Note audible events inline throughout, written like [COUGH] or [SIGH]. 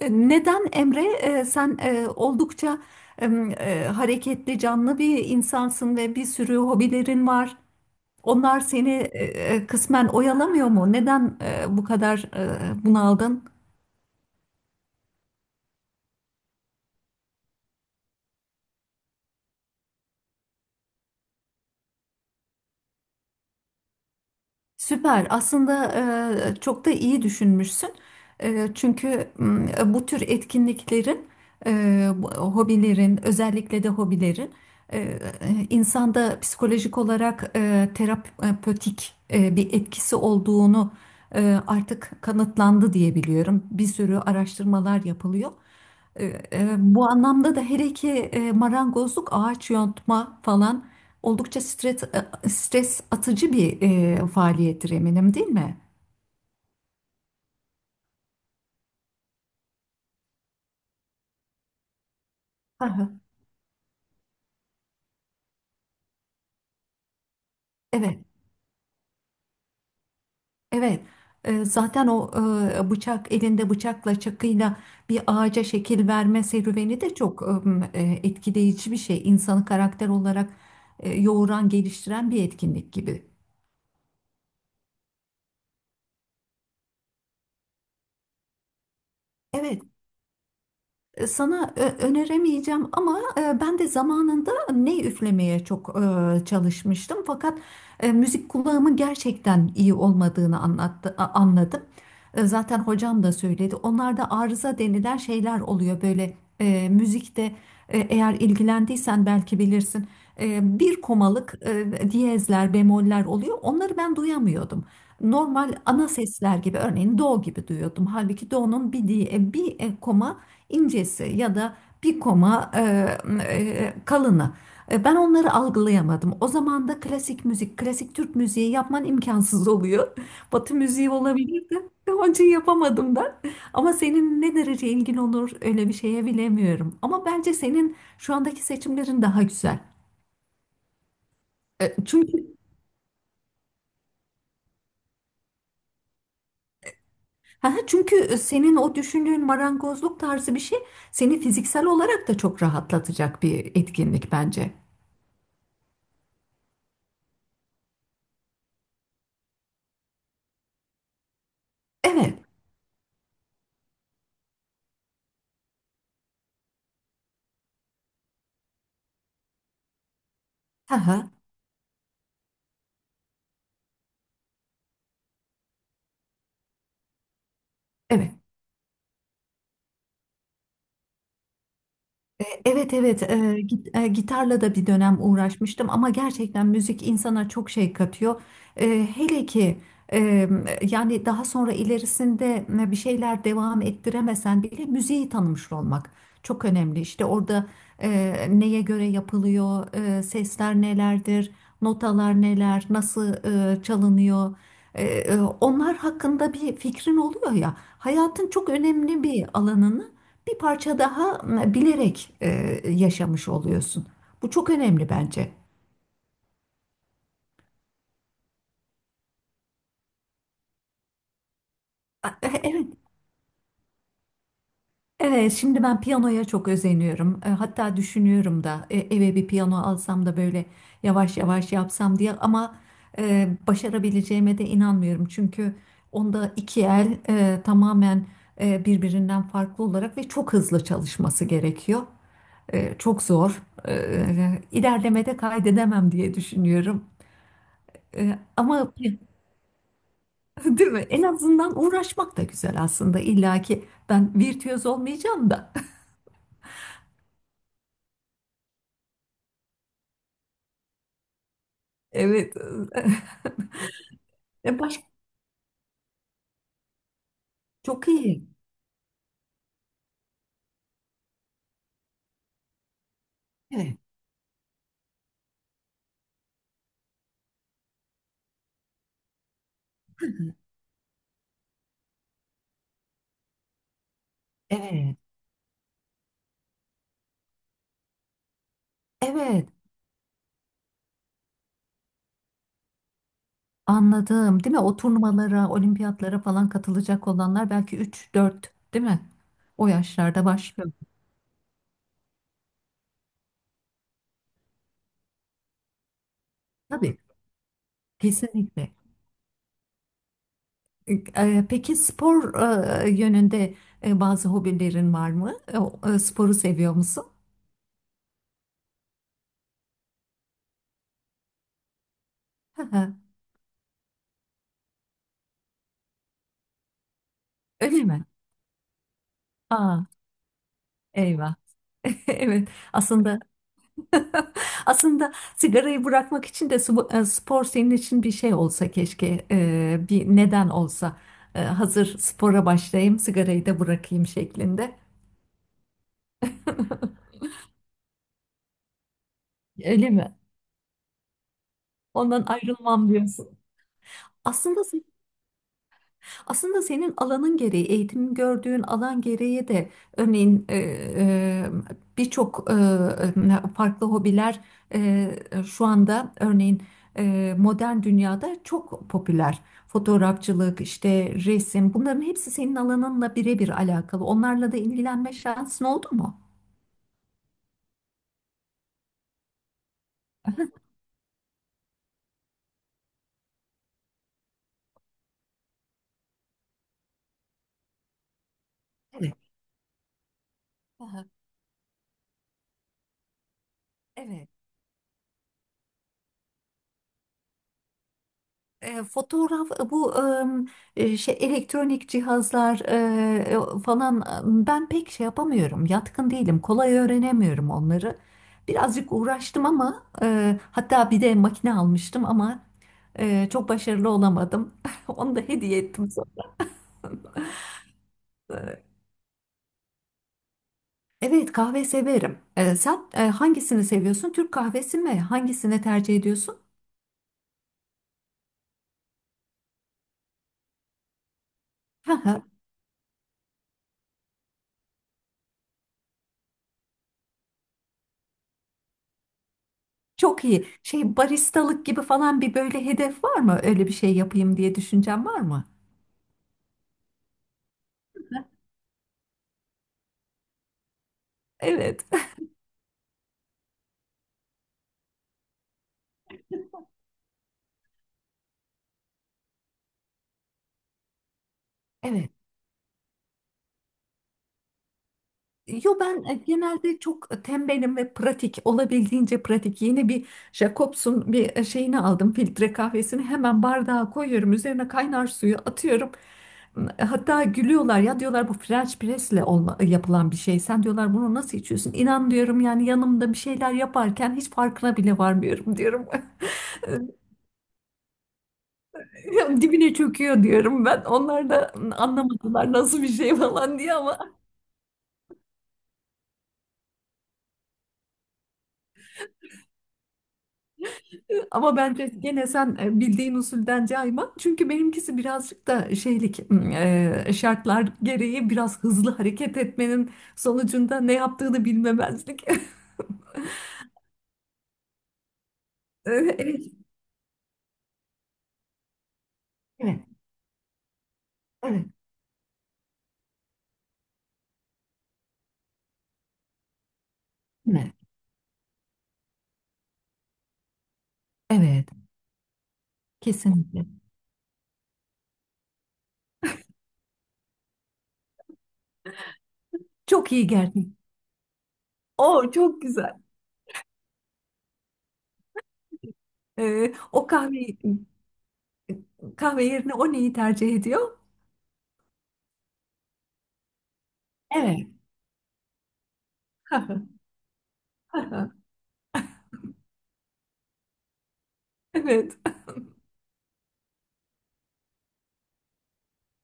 Neden Emre? Sen oldukça hareketli, canlı bir insansın ve bir sürü hobilerin var. Onlar seni kısmen oyalamıyor mu? Neden bu kadar bunaldın? Süper. Aslında çok da iyi düşünmüşsün. Çünkü bu tür etkinliklerin, hobilerin, özellikle de hobilerin e, e, insanda psikolojik olarak terapötik bir etkisi olduğunu artık kanıtlandı diye biliyorum. Bir sürü araştırmalar yapılıyor. E, Bu anlamda da her iki marangozluk, ağaç yontma falan oldukça stres atıcı bir faaliyettir eminim değil mi? Hı hı. Evet, evet. Zaten o bıçak elinde bıçakla çakıyla bir ağaca şekil verme serüveni de çok etkileyici bir şey. İnsanı karakter olarak yoğuran, geliştiren bir etkinlik gibi. Evet. Sana öneremeyeceğim ama ben de zamanında ney üflemeye çok çalışmıştım. Fakat müzik kulağımın gerçekten iyi olmadığını anladım. Zaten hocam da söyledi. Onlarda arıza denilen şeyler oluyor böyle müzikte eğer ilgilendiysen belki bilirsin. Bir komalık diyezler, bemoller oluyor. Onları ben duyamıyordum. Normal ana sesler gibi örneğin do gibi duyuyordum. Halbuki do'nun bir diye bir koma incesi ya da bir koma kalını. Ben onları algılayamadım. O zaman da klasik müzik, klasik Türk müziği yapman imkansız oluyor. [LAUGHS] Batı müziği olabilirdi. Onun için yapamadım da. Ama senin ne derece ilgin olur öyle bir şeye bilemiyorum. Ama bence senin şu andaki seçimlerin daha güzel. E, Çünkü [LAUGHS] çünkü senin o düşündüğün marangozluk tarzı bir şey seni fiziksel olarak da çok rahatlatacak bir etkinlik bence. Evet. [LAUGHS] Hı evet. Evet evet, gitarla da bir dönem uğraşmıştım ama gerçekten müzik insana çok şey katıyor. Hele ki e, yani daha sonra ilerisinde bir şeyler devam ettiremesen bile müziği tanımış olmak çok önemli. İşte orada e, neye göre yapılıyor, sesler nelerdir, notalar neler, nasıl çalınıyor. Onlar hakkında bir fikrin oluyor ya hayatın çok önemli bir alanını bir parça daha bilerek yaşamış oluyorsun. Bu çok önemli bence. Evet, evet. Şimdi ben piyanoya çok özeniyorum. Hatta düşünüyorum da eve bir piyano alsam da böyle yavaş yavaş yapsam diye. Ama başarabileceğime de inanmıyorum. Çünkü onda iki el tamamen birbirinden farklı olarak ve çok hızlı çalışması gerekiyor. Çok zor. İlerlemede kaydedemem diye düşünüyorum. E, ama [LAUGHS] Değil mi? En azından uğraşmak da güzel aslında. İlla ki ben virtüöz olmayacağım da. [LAUGHS] Evet. [LAUGHS] E Baş Çok iyi. Evet. Evet. Evet. Anladım. Değil mi? O turnuvalara, olimpiyatlara falan katılacak olanlar belki üç dört, değil mi? O yaşlarda başlıyor. Tabii. Kesinlikle. Peki spor yönünde bazı hobilerin var mı? Sporu seviyor musun? [LAUGHS] Öyle mi? Aa, eyvah. [LAUGHS] Evet. Aslında [LAUGHS] aslında sigarayı bırakmak için de spor senin için bir şey olsa keşke, bir neden olsa. Hazır spora başlayayım, sigarayı da bırakayım şeklinde. [LAUGHS] Öyle mi? Ondan ayrılmam diyorsun. Aslında Aslında senin alanın gereği, eğitim gördüğün alan gereği de örneğin birçok farklı hobiler e, şu anda örneğin modern dünyada çok popüler. Fotoğrafçılık, işte resim bunların hepsi senin alanınla birebir alakalı. Onlarla da ilgilenme şansın oldu mu? Evet. Aha, evet. Fotoğraf şey elektronik cihazlar falan ben pek şey yapamıyorum. Yatkın değilim. Kolay öğrenemiyorum onları. Birazcık uğraştım ama hatta bir de makine almıştım ama çok başarılı olamadım. [LAUGHS] Onu da hediye ettim sonra. Evet kahve severim. Sen hangisini seviyorsun? Türk kahvesi mi? Hangisini tercih ediyorsun? Hı hı, çok iyi. Şey baristalık gibi falan bir böyle hedef var mı? Öyle bir şey yapayım diye düşüncen var mı? Evet. [LAUGHS] Evet. Yo ben genelde çok tembelim ve pratik olabildiğince pratik. Yeni bir Jacobs'un bir şeyini aldım filtre kahvesini hemen bardağa koyuyorum üzerine kaynar suyu atıyorum. Hatta gülüyorlar ya diyorlar bu French press'le yapılan bir şey. Sen diyorlar bunu nasıl içiyorsun? İnan diyorum yani yanımda bir şeyler yaparken hiç farkına bile varmıyorum diyorum. [LAUGHS] Dibine çöküyor diyorum ben. Onlar da anlamadılar nasıl bir şey falan diye ama. Ama bence gene sen bildiğin usulden cayma. Çünkü benimkisi birazcık da şeylik şartlar gereği biraz hızlı hareket etmenin sonucunda ne yaptığını bilmemezlik. [LAUGHS] Evet, evet, evet, evet, evet, evet, kesinlikle. Çok iyi geldi. O çok güzel. E, o kahve Kahve yerine o neyi tercih ediyor? Evet. [LAUGHS] Evet.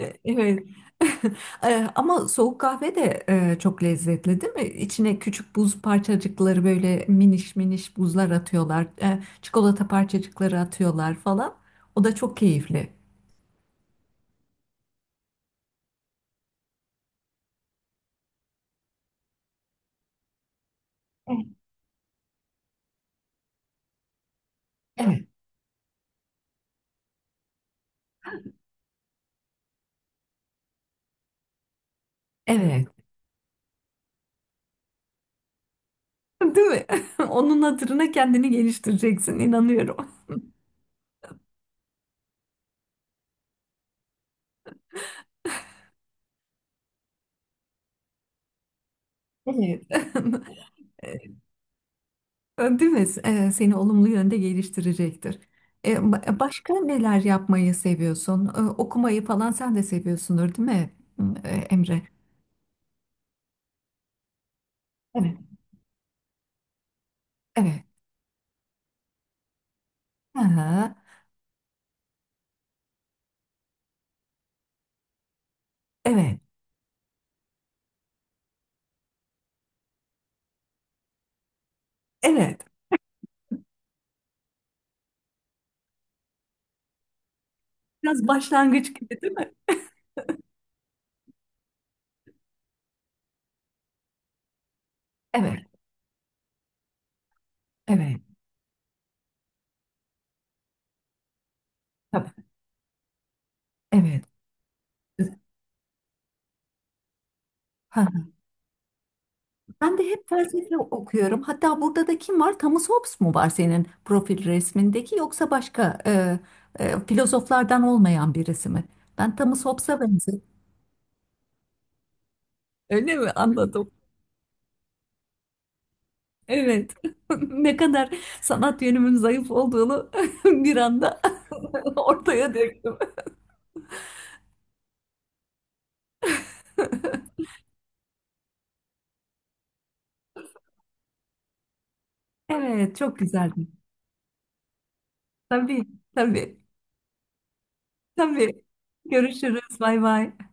Evet. [LAUGHS] Ama soğuk kahve de çok lezzetli değil mi? İçine küçük buz parçacıkları böyle miniş miniş buzlar atıyorlar. Çikolata parçacıkları atıyorlar falan. O da çok keyifli. Evet. Evet. Evet. Değil mi? [LAUGHS] Onun hatırına kendini geliştireceksin inanıyorum. Evet. [LAUGHS] Değil mi? Seni olumlu yönde geliştirecektir. Başka neler yapmayı seviyorsun? Okumayı falan sen de seviyorsundur değil mi Emre? Evet, evet. Aha, evet, evet. Biraz başlangıç gibi değil mi? Evet, evet. Tabii, evet. Ha. Ben de hep felsefe okuyorum. Hatta burada da kim var? Thomas Hobbes mu var senin profil resmindeki yoksa başka filozoflardan olmayan birisi mi? Ben Thomas Hobbes'a benziyorum. Öyle mi? Anladım. Evet. [LAUGHS] Ne kadar sanat yönümün zayıf olduğunu [LAUGHS] bir anda [LAUGHS] ortaya döktüm. Evet, çok güzeldi. Tabii, tabii. Tabii. Görüşürüz. Bay bay.